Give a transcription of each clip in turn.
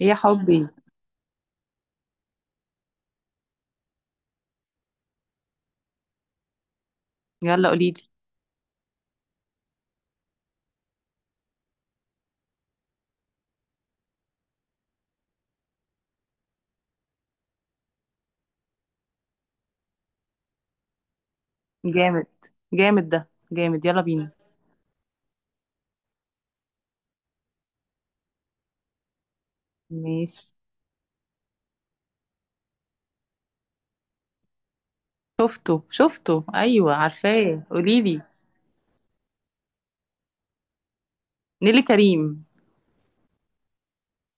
إيه يا حبي. يلا قوليلي. جامد. جامد ده جامد، يلا بينا. ماشي. شفته شفته، ايوه عارفاه، قوليلي. نيلي كريم.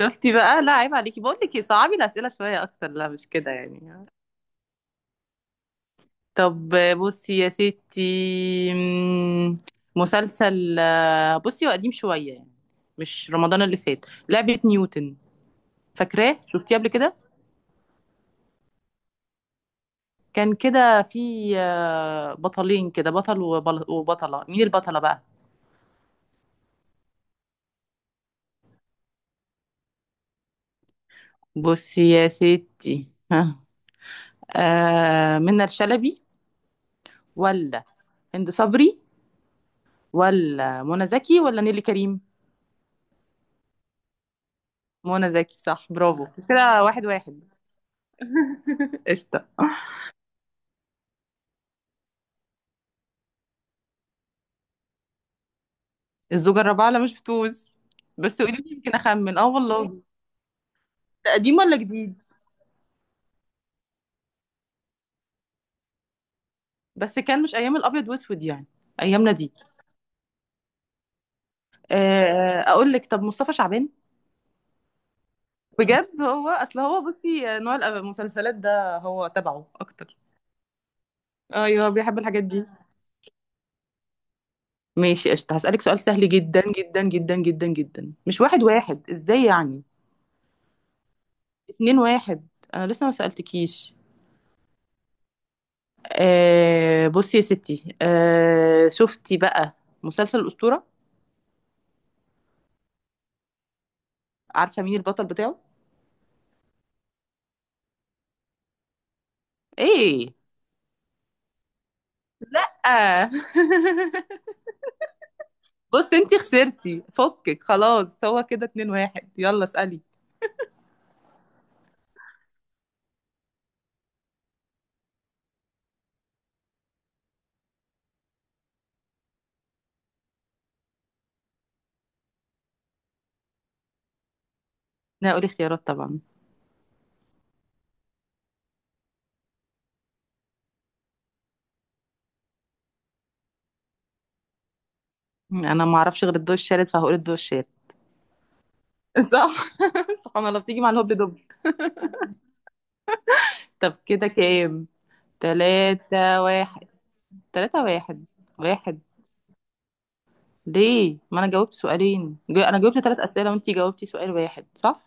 شفتي بقى؟ لا عيب عليكي، بقول لك إيه، صعبي الاسئله شويه اكتر، لا مش كده يعني. طب بصي يا ستي، مم، مسلسل بصي هو قديم شويه يعني. مش رمضان اللي فات لعبه نيوتن؟ فاكراه؟ شفتيه قبل كده؟ كان كده في بطلين، كده بطل وبطله، مين البطله بقى؟ بصي يا ستي ها، منى الشلبي، ولا هند صبري، ولا منى زكي، ولا نيلي كريم؟ منى زكي صح، برافو، كده واحد واحد. قشطة. الزوجة الرابعة؟ لا مش بتوز، بس قولي لي يمكن أخمن، اه والله. ده قديم ولا جديد؟ بس كان مش أيام الأبيض وأسود يعني، أيامنا دي. أقول لك، طب مصطفى شعبان؟ بجد، هو أصل هو بصي، نوع المسلسلات ده هو تبعه أكتر. أيوه بيحب الحاجات دي. ماشي قشطة، هسألك سؤال سهل جدا جدا جدا جدا جدا، مش واحد واحد ازاي يعني؟ اتنين واحد، انا لسه ما سألتكيش. بصي يا ستي، شفتي بقى مسلسل الأسطورة؟ عارفة مين البطل بتاعه؟ ايه؟ آه. بص انتي خسرتي، فكك خلاص، هو كده اتنين واحد، يلا اسألي. انا هقول اختيارات طبعا. انا ما اعرفش غير الضوء الشارد، فهقول الضوء الشارد. صح سبحان الله، بتيجي مع الهبل دب. طب كده كام؟ تلاتة واحد، تلاتة واحد. واحد، ليه؟ ما انا جاوبت سؤالين انا جاوبت تلات اسئله وانتي جاوبتي سؤال واحد، صح؟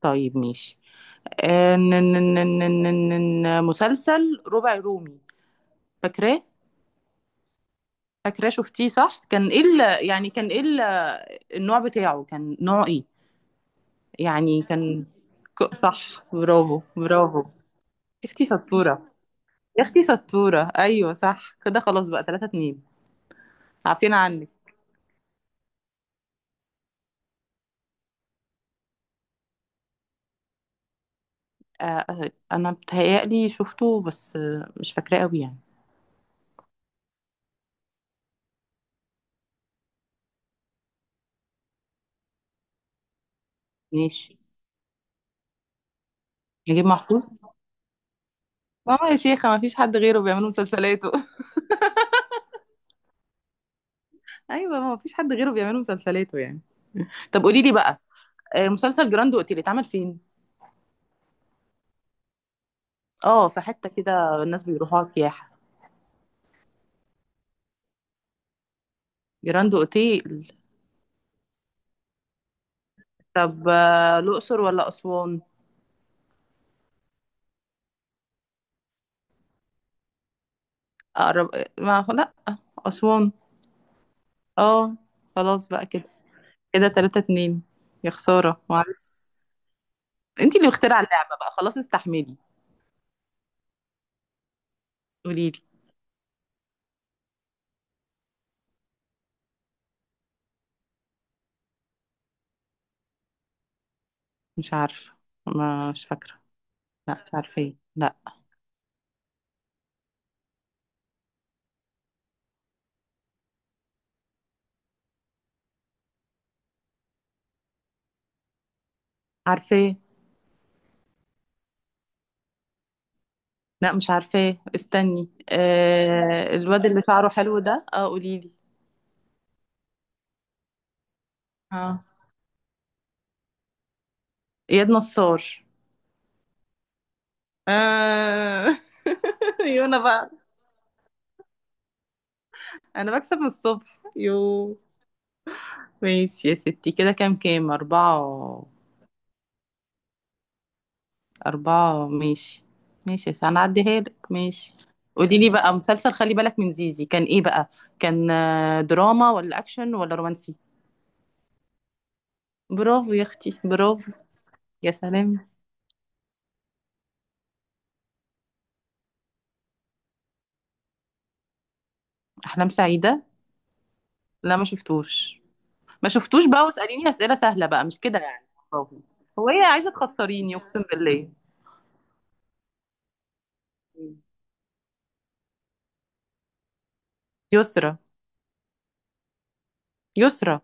طيب ماشي. مسلسل ربع رومي، فاكراه؟ فاكراه شفتيه صح، كان ايه يعني كان ايه النوع بتاعه، كان نوع ايه يعني؟ كان صح، برافو برافو يا اختي شطوره. يا اختي شطوره، ايوه صح كده، خلاص بقى تلاتة اتنين. عارفين عنك. انا بتهيألي شفته بس مش فاكراه قوي يعني. ماشي، نجيب محفوظ. اه يا شيخة، ما فيش حد غيره بيعمل مسلسلاته. ايوه ما فيش حد غيره بيعمل مسلسلاته يعني. طب قولي لي بقى، مسلسل جراند اوتيل اتعمل فين؟ اه في حتة كده الناس بيروحوها سياحة. جراند اوتيل. طب الاقصر ولا اسوان؟ اقرب ما لا، اسوان. اه خلاص بقى كده، كده 3-2، يا خسارة معلش. انتي اللي مخترعة اللعبة بقى خلاص، استحملي. قولي. مش عارفة، مش فاكرة. لا مش عارفة لا. عارفة. لا مش عارفة، استني، آه الواد اللي شعره حلو ده، اه قوليلي. اه، اياد نصار. آه. يو انا بقى، انا بكسب من الصبح، يو. ماشي يا ستي، كده كام؟ كام أربعة أربعة، ماشي. ماشي يا ستي، هنعديها لك، ماشي. قولي لي بقى، مسلسل خلي بالك من زيزي كان ايه بقى؟ كان دراما ولا اكشن ولا رومانسي؟ برافو يا اختي برافو، يا سلام. احلام سعيده؟ لا ما شفتوش. ما شفتوش بقى، واساليني اسئله سهله بقى، مش كده يعني. هو ايه، عايزه تخسريني؟ اقسم بالله. يسرا، يسرا.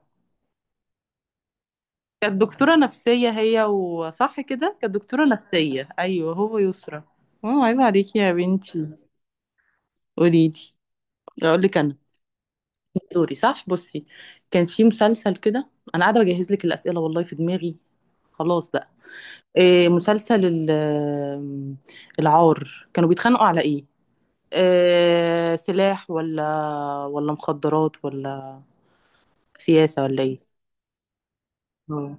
كانت دكتوره نفسيه هي، وصح كده، كانت دكتوره نفسيه، ايوه هو يسرا. اه عيب عليكي يا بنتي. قولي لي. اقول لك انا دوري صح؟ بصي، كان في مسلسل كده، انا قاعده بجهز لك الاسئله والله في دماغي. خلاص بقى. إيه مسلسل العار، كانوا بيتخانقوا على ايه؟ سلاح، ولا ولا مخدرات، ولا سياسة ولا ايه؟ اه،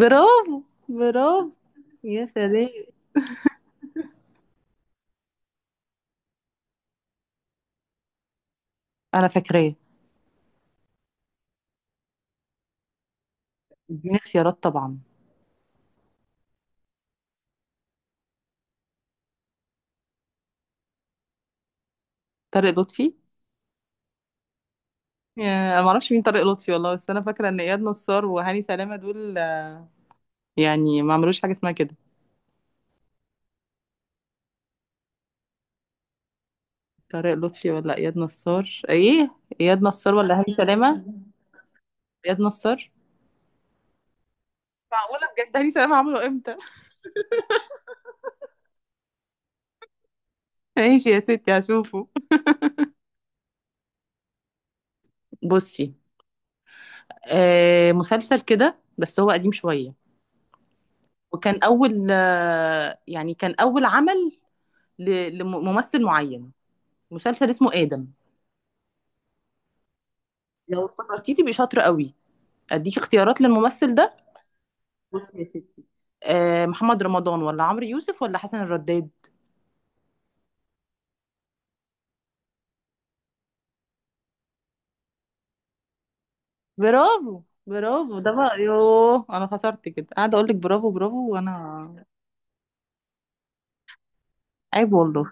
برافو، برافو، يا سلام. انا فاكراه. اديني اختيارات طبعا. طارق لطفي. يا- انا ما اعرفش مين طارق لطفي والله، بس انا فاكره ان اياد نصار وهاني سلامه دول يعني ما عملوش حاجه اسمها كده. طارق لطفي ولا اياد نصار ايه؟ اياد نصار ولا هاني سلامه؟ اياد نصار. معقوله بجد؟ هاني سلامه عمله امتى؟ ماشي يا ستي هشوفه. بصي مسلسل كده بس هو قديم شوية، وكان أول يعني كان أول عمل لممثل معين، مسلسل اسمه آدم. لو افتكرتيه تبقي شاطرة قوي. أديك اختيارات للممثل ده. بصي يا ستي، محمد رمضان ولا عمرو يوسف ولا حسن الرداد؟ برافو برافو، ده بقى، يوه أنا خسرت، كده قاعدة أقول لك برافو برافو وأنا. عيب والله.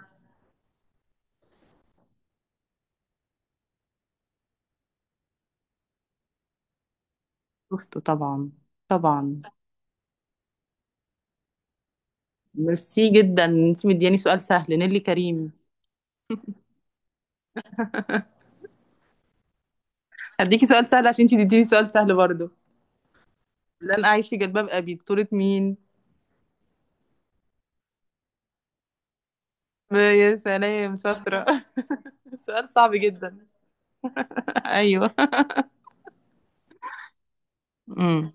شفته طبعا، طبعا. ميرسي جدا، انت مدياني سؤال سهل، نيلي كريم. هديكي سؤال سهل عشان انتي تديني سؤال سهل برضه. اللي انا عايش في جلباب ابي بطولة مين؟ يا سلام شاطرة. سؤال صعب جدا. ايوه. امم.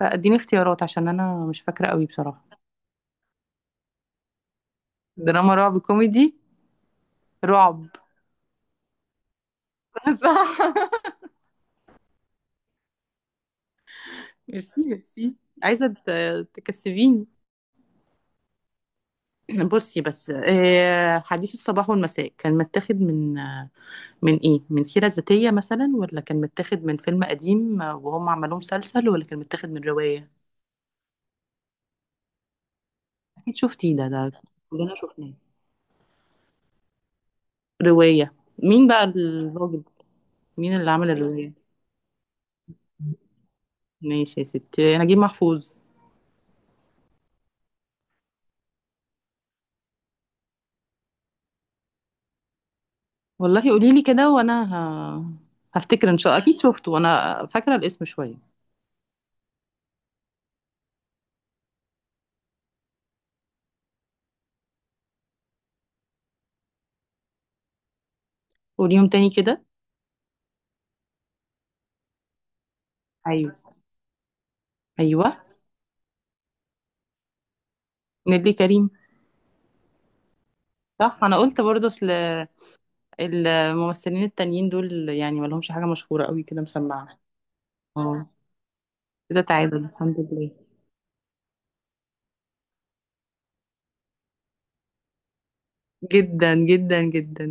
فاديني اختيارات عشان انا مش فاكرة قوي بصراحة. دراما رعب كوميدي؟ رعب. صح. ميرسي ميرسي. عايزة تكسبيني. بصي بس حديث الصباح والمساء كان متاخد من من ايه، من سيرة ذاتية مثلا، ولا كان متاخد من فيلم قديم وهم عملوه مسلسل، ولا كان متاخد من رواية؟ أكيد شفتيه ده، ده كلنا شفناه. رواية. مين بقى الراجل، مين اللي عمل الرواية؟ ماشي يا ستي، نجيب محفوظ. والله قولي لي كده وانا هفتكر ان شاء الله، اكيد شفته، انا فاكره الاسم شويه. قوليهم تاني كده. ايوه، ايوه، نيللي كريم. صح، انا قلت برضه، اصل الممثلين التانيين دول يعني ما لهمش حاجه مشهوره قوي كده، مسمعه. اه. كده تعادل الحمد لله. جدا جدا جدا.